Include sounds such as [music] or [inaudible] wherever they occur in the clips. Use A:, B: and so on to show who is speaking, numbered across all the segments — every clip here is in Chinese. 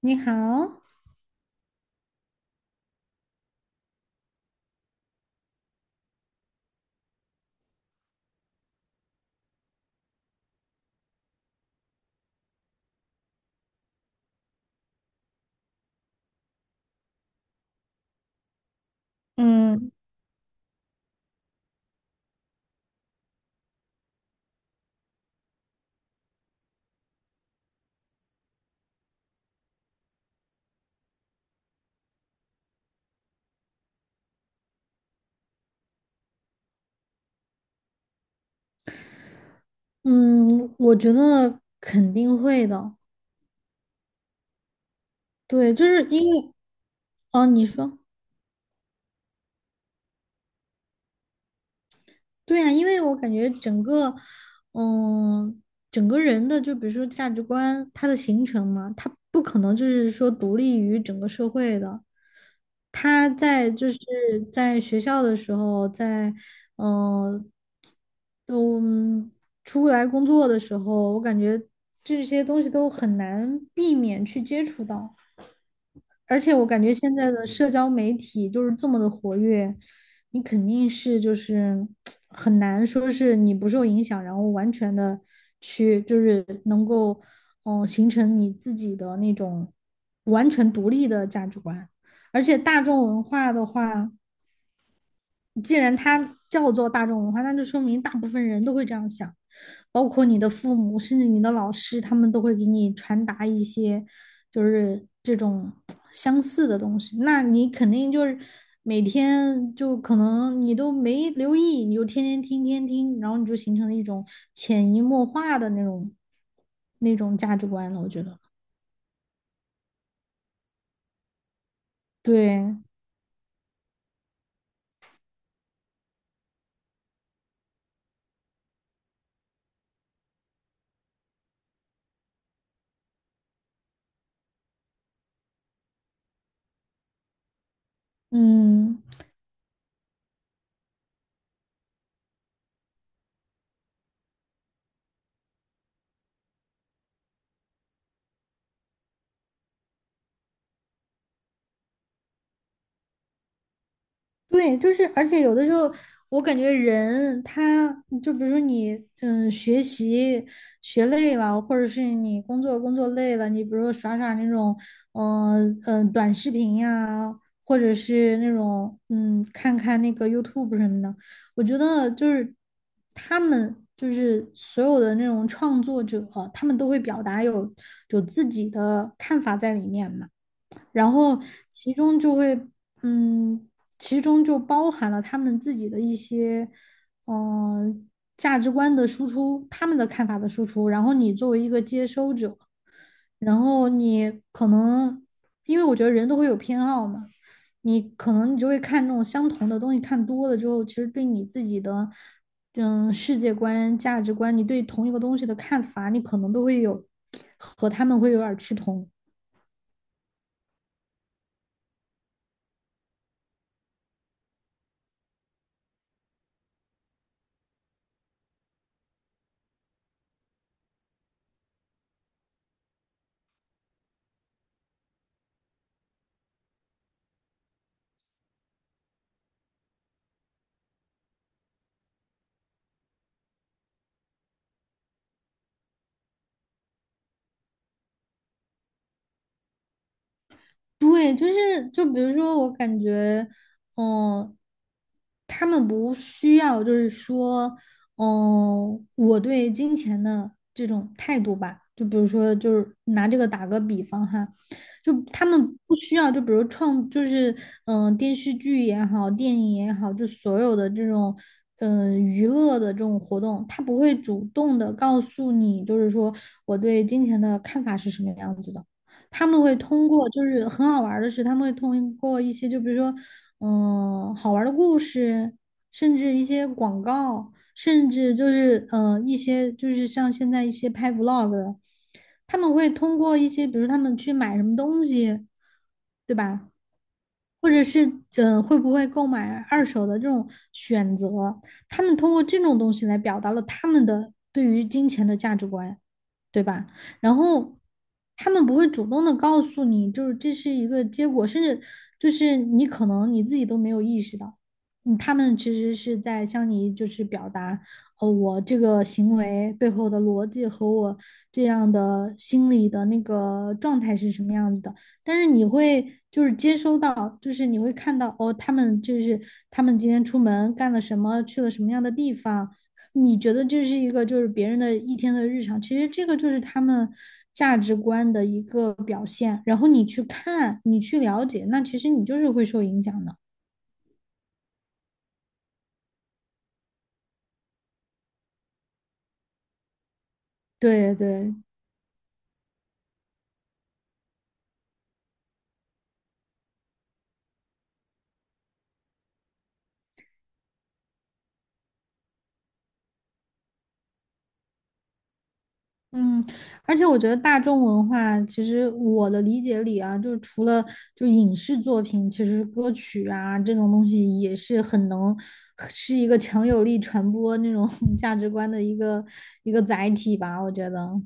A: 你好，嗯嗯，我觉得肯定会的。对，就是因为哦，你说对呀，因为我感觉嗯，整个人的就比如说价值观，它的形成嘛，它不可能就是说独立于整个社会的。他在就是在学校的时候，在嗯嗯出来工作的时候，我感觉这些东西都很难避免去接触到。而且我感觉现在的社交媒体就是这么的活跃，你肯定是就是很难说是你不受影响，然后完全的去就是能够形成你自己的那种完全独立的价值观。而且大众文化的话，既然它叫做大众文化，那就说明大部分人都会这样想，包括你的父母，甚至你的老师，他们都会给你传达一些就是这种相似的东西。那你肯定就是每天就可能你都没留意，你就天天听，天天听，然后你就形成了一种潜移默化的那种价值观了。我觉得，对，嗯。对，就是，而且有的时候，我感觉人他就比如说你，嗯，学习学累了，或者是你工作工作累了，你比如说耍耍那种，短视频呀、或者是那种，嗯，看看那个 YouTube 什么的，我觉得就是他们就是所有的那种创作者，他们都会表达有自己的看法在里面嘛。然后其中就会，嗯，其中就包含了他们自己的一些，嗯，价值观的输出，他们的看法的输出。然后你作为一个接收者，然后你可能，因为我觉得人都会有偏好嘛，你可能你就会看那种相同的东西，看多了之后，其实对你自己的，嗯，世界观、价值观，你对同一个东西的看法，你可能都会有和他们会有点儿趋同。对，就是就比如说，我感觉，嗯、他们不需要，就是说，我对金钱的这种态度吧，就比如说，就是拿这个打个比方哈，就他们不需要，就比如创，就是电视剧也好，电影也好，就所有的这种娱乐的这种活动，他不会主动的告诉你，就是说我对金钱的看法是什么样子的。他们会通过，就是很好玩儿的是，他们会通过一些，就比如说，好玩儿的故事，甚至一些广告，甚至就是，嗯，一些就是像现在一些拍 vlog 的，他们会通过一些，比如他们去买什么东西，对吧？或者是，会不会购买二手的这种选择，他们通过这种东西来表达了他们的对于金钱的价值观。对吧？然后他们不会主动的告诉你，就是这是一个结果，甚至就是你可能你自己都没有意识到，嗯他们其实是在向你就是表达，哦，我这个行为背后的逻辑和我这样的心理的那个状态是什么样子的。但是你会就是接收到，就是你会看到，哦，他们就是他们今天出门干了什么，去了什么样的地方。你觉得这是一个就是别人的一天的日常，其实这个就是他们价值观的一个表现。然后你去看，你去了解，那其实你就是会受影响的。对对，嗯，而且我觉得大众文化，其实我的理解里啊，就是除了就影视作品，其实歌曲啊这种东西也是很能是一个强有力传播那种 [laughs] 价值观的一个一个载体吧，我觉得。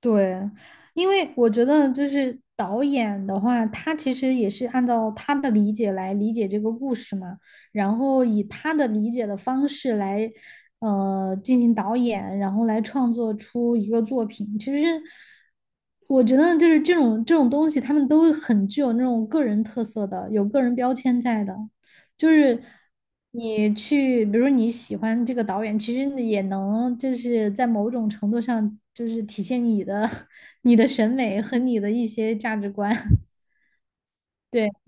A: 对，因为我觉得就是导演的话，他其实也是按照他的理解来理解这个故事嘛，然后以他的理解的方式来，进行导演，然后来创作出一个作品。其实我觉得就是这种东西，他们都很具有那种个人特色的，有个人标签在的。就是你去，比如你喜欢这个导演，其实你也能就是在某种程度上，就是体现你的 [laughs] 你的审美和你的一些价值观。[laughs] 对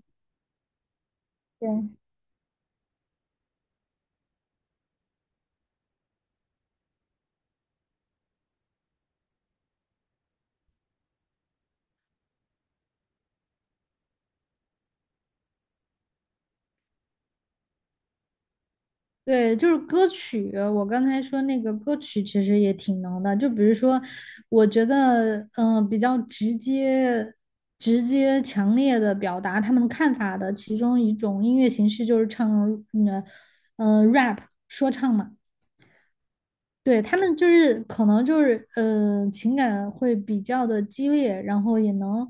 A: 对对，就是歌曲，我刚才说那个歌曲其实也挺能的，就比如说，我觉得比较直接。直接强烈的表达他们看法的其中一种音乐形式就是唱，嗯、rap 说唱嘛。对，他们就是可能就是情感会比较的激烈，然后也能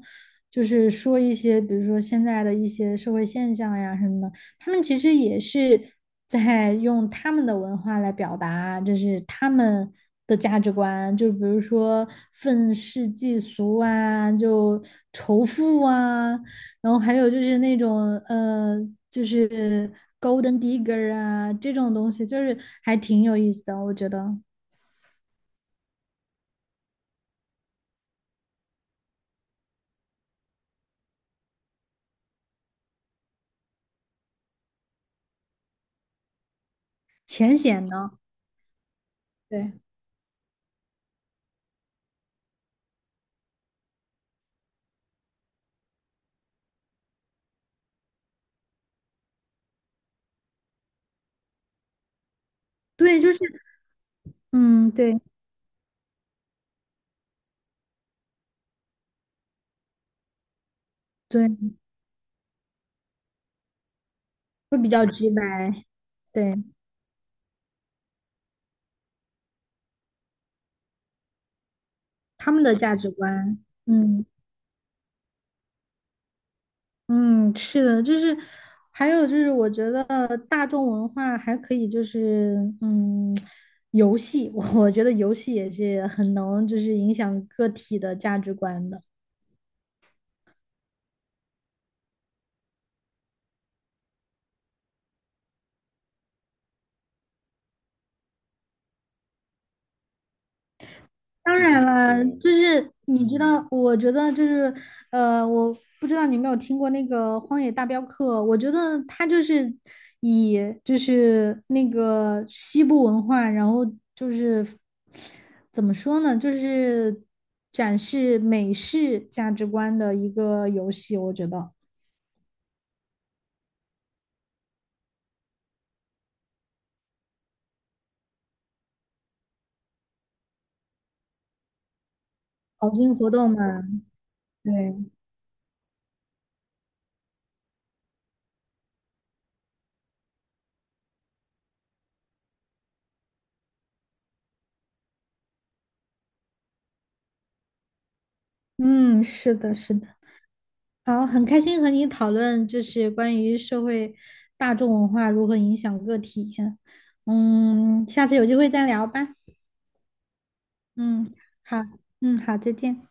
A: 就是说一些，比如说现在的一些社会现象呀什么的，他们其实也是在用他们的文化来表达，就是他们的价值观，就比如说愤世嫉俗啊，就仇富啊，然后还有就是那种就是 Golden Digger 啊这种东西，就是还挺有意思的，我觉得。浅显的，对，对，就是嗯，对对，会比较直白，对他们的价值观，嗯嗯，是的，就是还有就是，我觉得大众文化还可以，就是嗯，游戏，[laughs] 我觉得游戏也是很能就是影响个体的价值观的。当然了，就是你知道，我觉得就是，我不知道你有没有听过那个《荒野大镖客》，我觉得它就是以就是那个西部文化，然后就是怎么说呢，就是展示美式价值观的一个游戏，我觉得。淘金活动嘛，对，嗯，是的，是的。好，很开心和你讨论，就是关于社会大众文化如何影响个体。嗯，下次有机会再聊吧。嗯，好，嗯，好，再见。